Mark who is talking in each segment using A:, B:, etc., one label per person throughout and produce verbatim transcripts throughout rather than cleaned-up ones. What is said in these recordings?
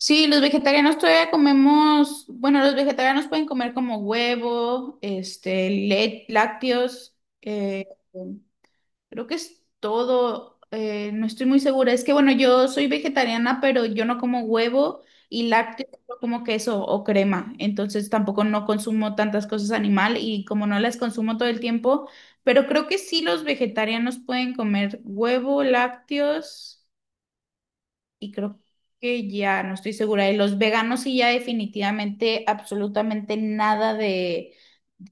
A: Sí, los vegetarianos todavía comemos, bueno, los vegetarianos pueden comer como huevo, este, le- lácteos, eh, creo que es todo, eh, no estoy muy segura. Es que bueno, yo soy vegetariana, pero yo no como huevo y lácteos, solo como queso o crema, entonces tampoco no consumo tantas cosas animal y como no las consumo todo el tiempo, pero creo que sí los vegetarianos pueden comer huevo, lácteos y creo que ya no estoy segura. Y los veganos sí ya definitivamente, absolutamente nada de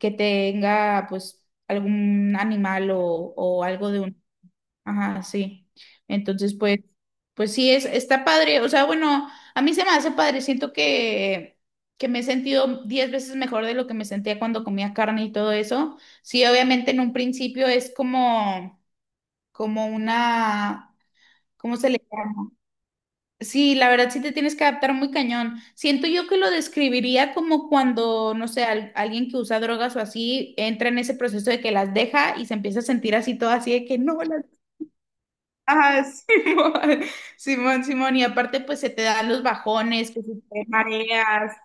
A: que tenga pues algún animal o, o algo de un... Ajá, sí. Entonces, pues, pues sí, es, está padre. O sea, bueno, a mí se me hace padre. Siento que, que me he sentido diez veces mejor de lo que me sentía cuando comía carne y todo eso. Sí, obviamente en un principio es como, como una... ¿Cómo se le? Sí, la verdad sí te tienes que adaptar muy cañón. Siento yo que lo describiría como cuando, no sé, al- alguien que usa drogas o así entra en ese proceso de que las deja y se empieza a sentir así todo así de que no las... Ah, Simón, Simón, Simón. Y aparte pues se te dan los bajones, que si te mareas.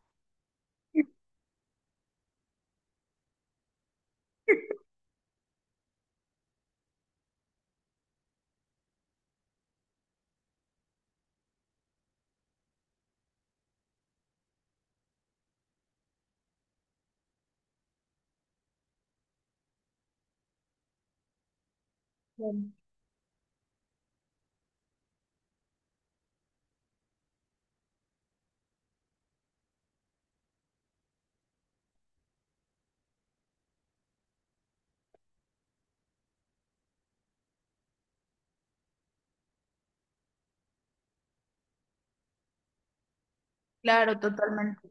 A: Claro, totalmente.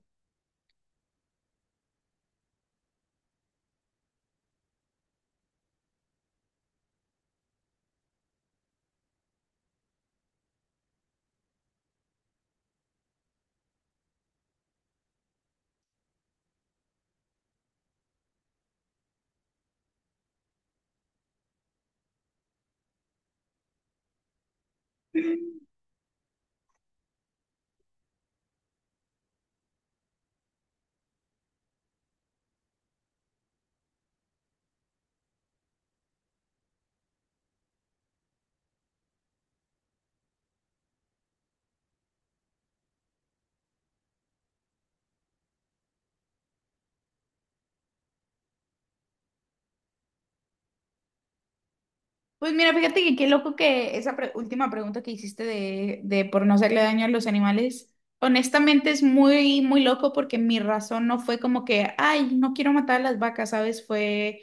A: Pues mira, fíjate que qué loco que esa pre- última pregunta que hiciste de, de por no hacerle daño a los animales, honestamente es muy, muy loco porque mi razón no fue como que, ay, no quiero matar a las vacas, ¿sabes? Fue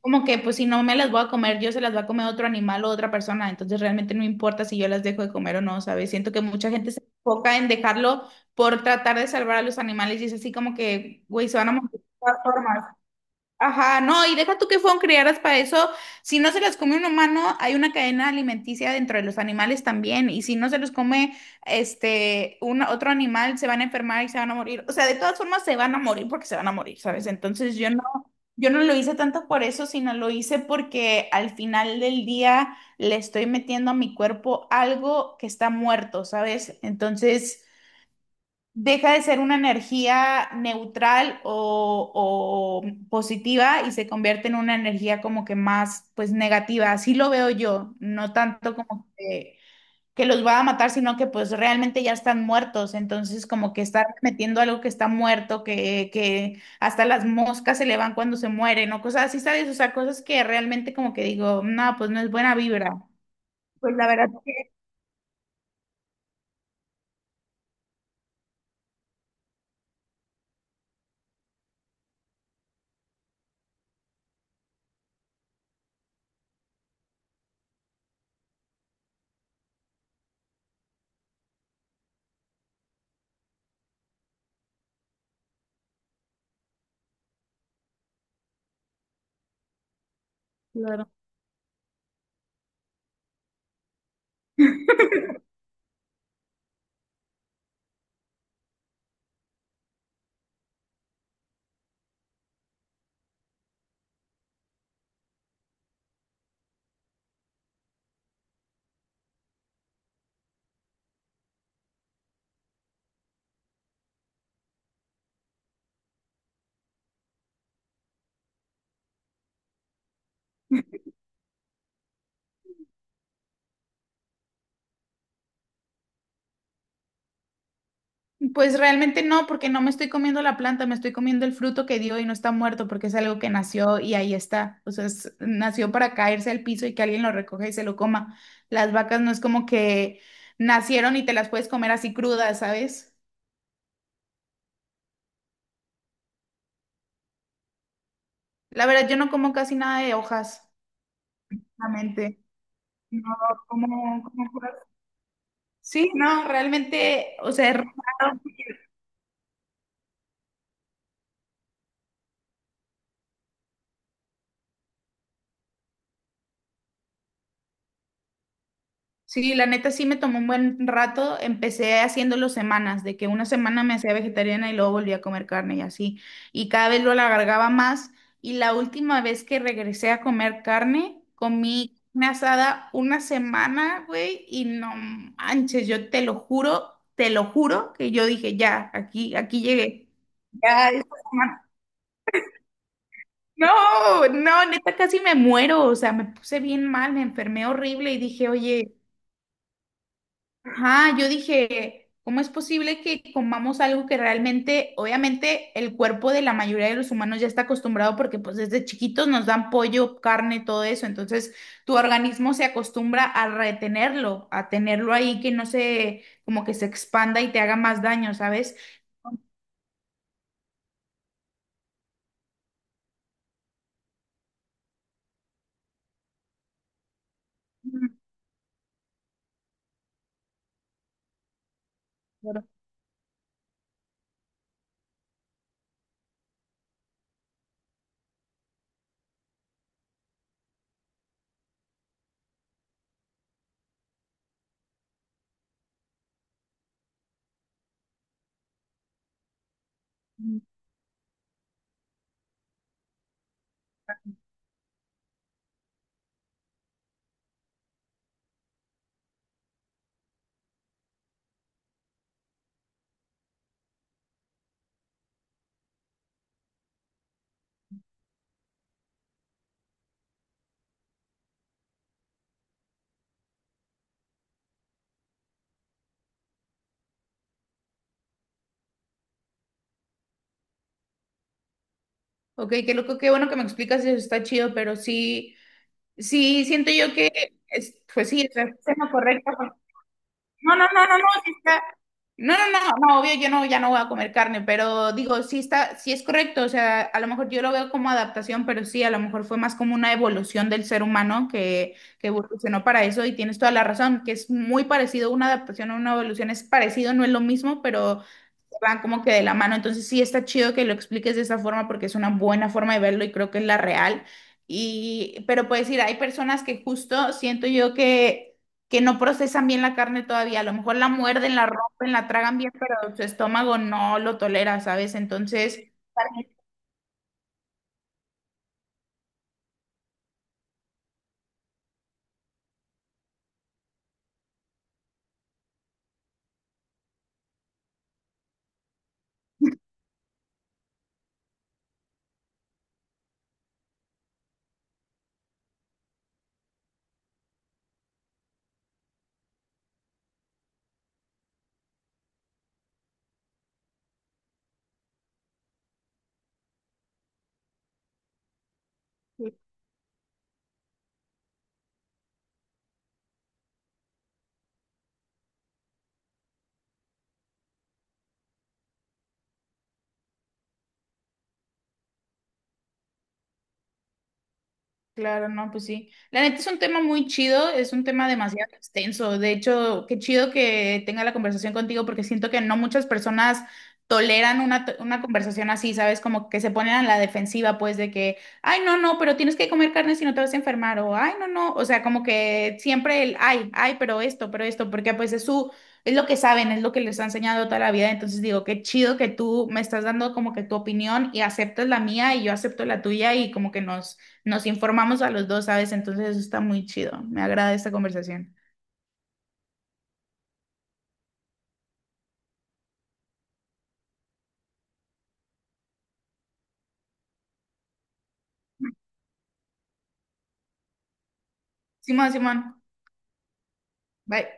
A: como que, pues si no me las voy a comer, yo se las va a comer otro animal o otra persona, entonces realmente no importa si yo las dejo de comer o no, ¿sabes? Siento que mucha gente se enfoca en dejarlo por tratar de salvar a los animales y es así como que, güey, se van a morir de todas formas. Ajá, no, y deja tú que fueron criadas para eso. Si no se las come un humano, hay una cadena alimenticia dentro de los animales también. Y si no se los come este un, otro animal, se van a enfermar y se van a morir. O sea, de todas formas se van a morir porque se van a morir, ¿sabes? Entonces yo no, yo no lo hice tanto por eso, sino lo hice porque al final del día le estoy metiendo a mi cuerpo algo que está muerto, ¿sabes? Entonces deja de ser una energía neutral o, o positiva y se convierte en una energía como que más, pues, negativa. Así lo veo yo, no tanto como que, que los va a matar, sino que pues realmente ya están muertos. Entonces, como que estar metiendo algo que está muerto, que, que hasta las moscas se le van cuando se mueren o cosas así, ¿sabes? O sea, cosas que realmente como que digo, no, pues no es buena vibra. Pues la verdad que... Pues realmente no, porque no me estoy comiendo la planta, me estoy comiendo el fruto que dio y no está muerto porque es algo que nació y ahí está. O sea, es- nació para caerse al piso y que alguien lo recoja y se lo coma. Las vacas no es como que nacieron y te las puedes comer así crudas, ¿sabes? La verdad, yo no como casi nada de hojas, realmente. No, como, como... Sí, no, realmente, o sea, es raro. Sí, la neta sí me tomó un buen rato. Empecé haciéndolo semanas, de que una semana me hacía vegetariana y luego volví a comer carne y así. Y cada vez lo alargaba más. Y la última vez que regresé a comer carne, comí carne asada una semana, güey, y no manches, yo te lo juro, te lo juro que yo dije, ya, aquí, aquí llegué. Ya, esta semana. No, no, neta casi me muero. O sea, me puse bien mal, me enfermé horrible y dije, oye. Ajá, yo dije, ¿cómo es posible que comamos algo que realmente, obviamente, el cuerpo de la mayoría de los humanos ya está acostumbrado porque pues desde chiquitos nos dan pollo, carne, todo eso, entonces tu organismo se acostumbra a retenerlo, a tenerlo ahí que no se, como que se expanda y te haga más daño, ¿sabes? Mm, claro. Mm. Ok, qué loco, qué bueno que me explicas eso, está chido, pero sí, sí, siento yo que, es- pues sí, o sea, es lo correcto. No, no, no, no, no, sí está. No, no, no, no, obvio, yo no, ya no voy a comer carne, pero digo, sí está, sí es correcto, o sea, a lo mejor yo lo veo como adaptación, pero sí, a lo mejor fue más como una evolución del ser humano que, que evolucionó para eso y tienes toda la razón, que es muy parecido, una adaptación a una evolución es parecido, no es lo mismo, pero van como que de la mano. Entonces sí está chido que lo expliques de esa forma porque es una buena forma de verlo y creo que es la real. Y, pero puedes decir, hay personas que justo siento yo que, que no procesan bien la carne todavía. A lo mejor la muerden, la rompen, la tragan bien, pero su estómago no lo tolera, ¿sabes? Entonces, claro, no, pues sí. La neta es un tema muy chido, es un tema demasiado extenso. De hecho, qué chido que tenga la conversación contigo porque siento que no muchas personas toleran una, to- una conversación así, ¿sabes? Como que se ponen a la defensiva, pues, de que, ay, no, no, pero tienes que comer carne si no te vas a enfermar, o ay, no, no, o sea, como que siempre el, ay, ay, pero esto, pero esto, porque pues es su, es lo que saben, es lo que les ha enseñado toda la vida. Entonces digo, qué chido que tú me estás dando como que tu opinión y aceptas la mía y yo acepto la tuya y como que nos nos informamos a los dos, ¿sabes? Entonces eso está muy chido. Me agrada esta conversación. Simón, Simón, bye.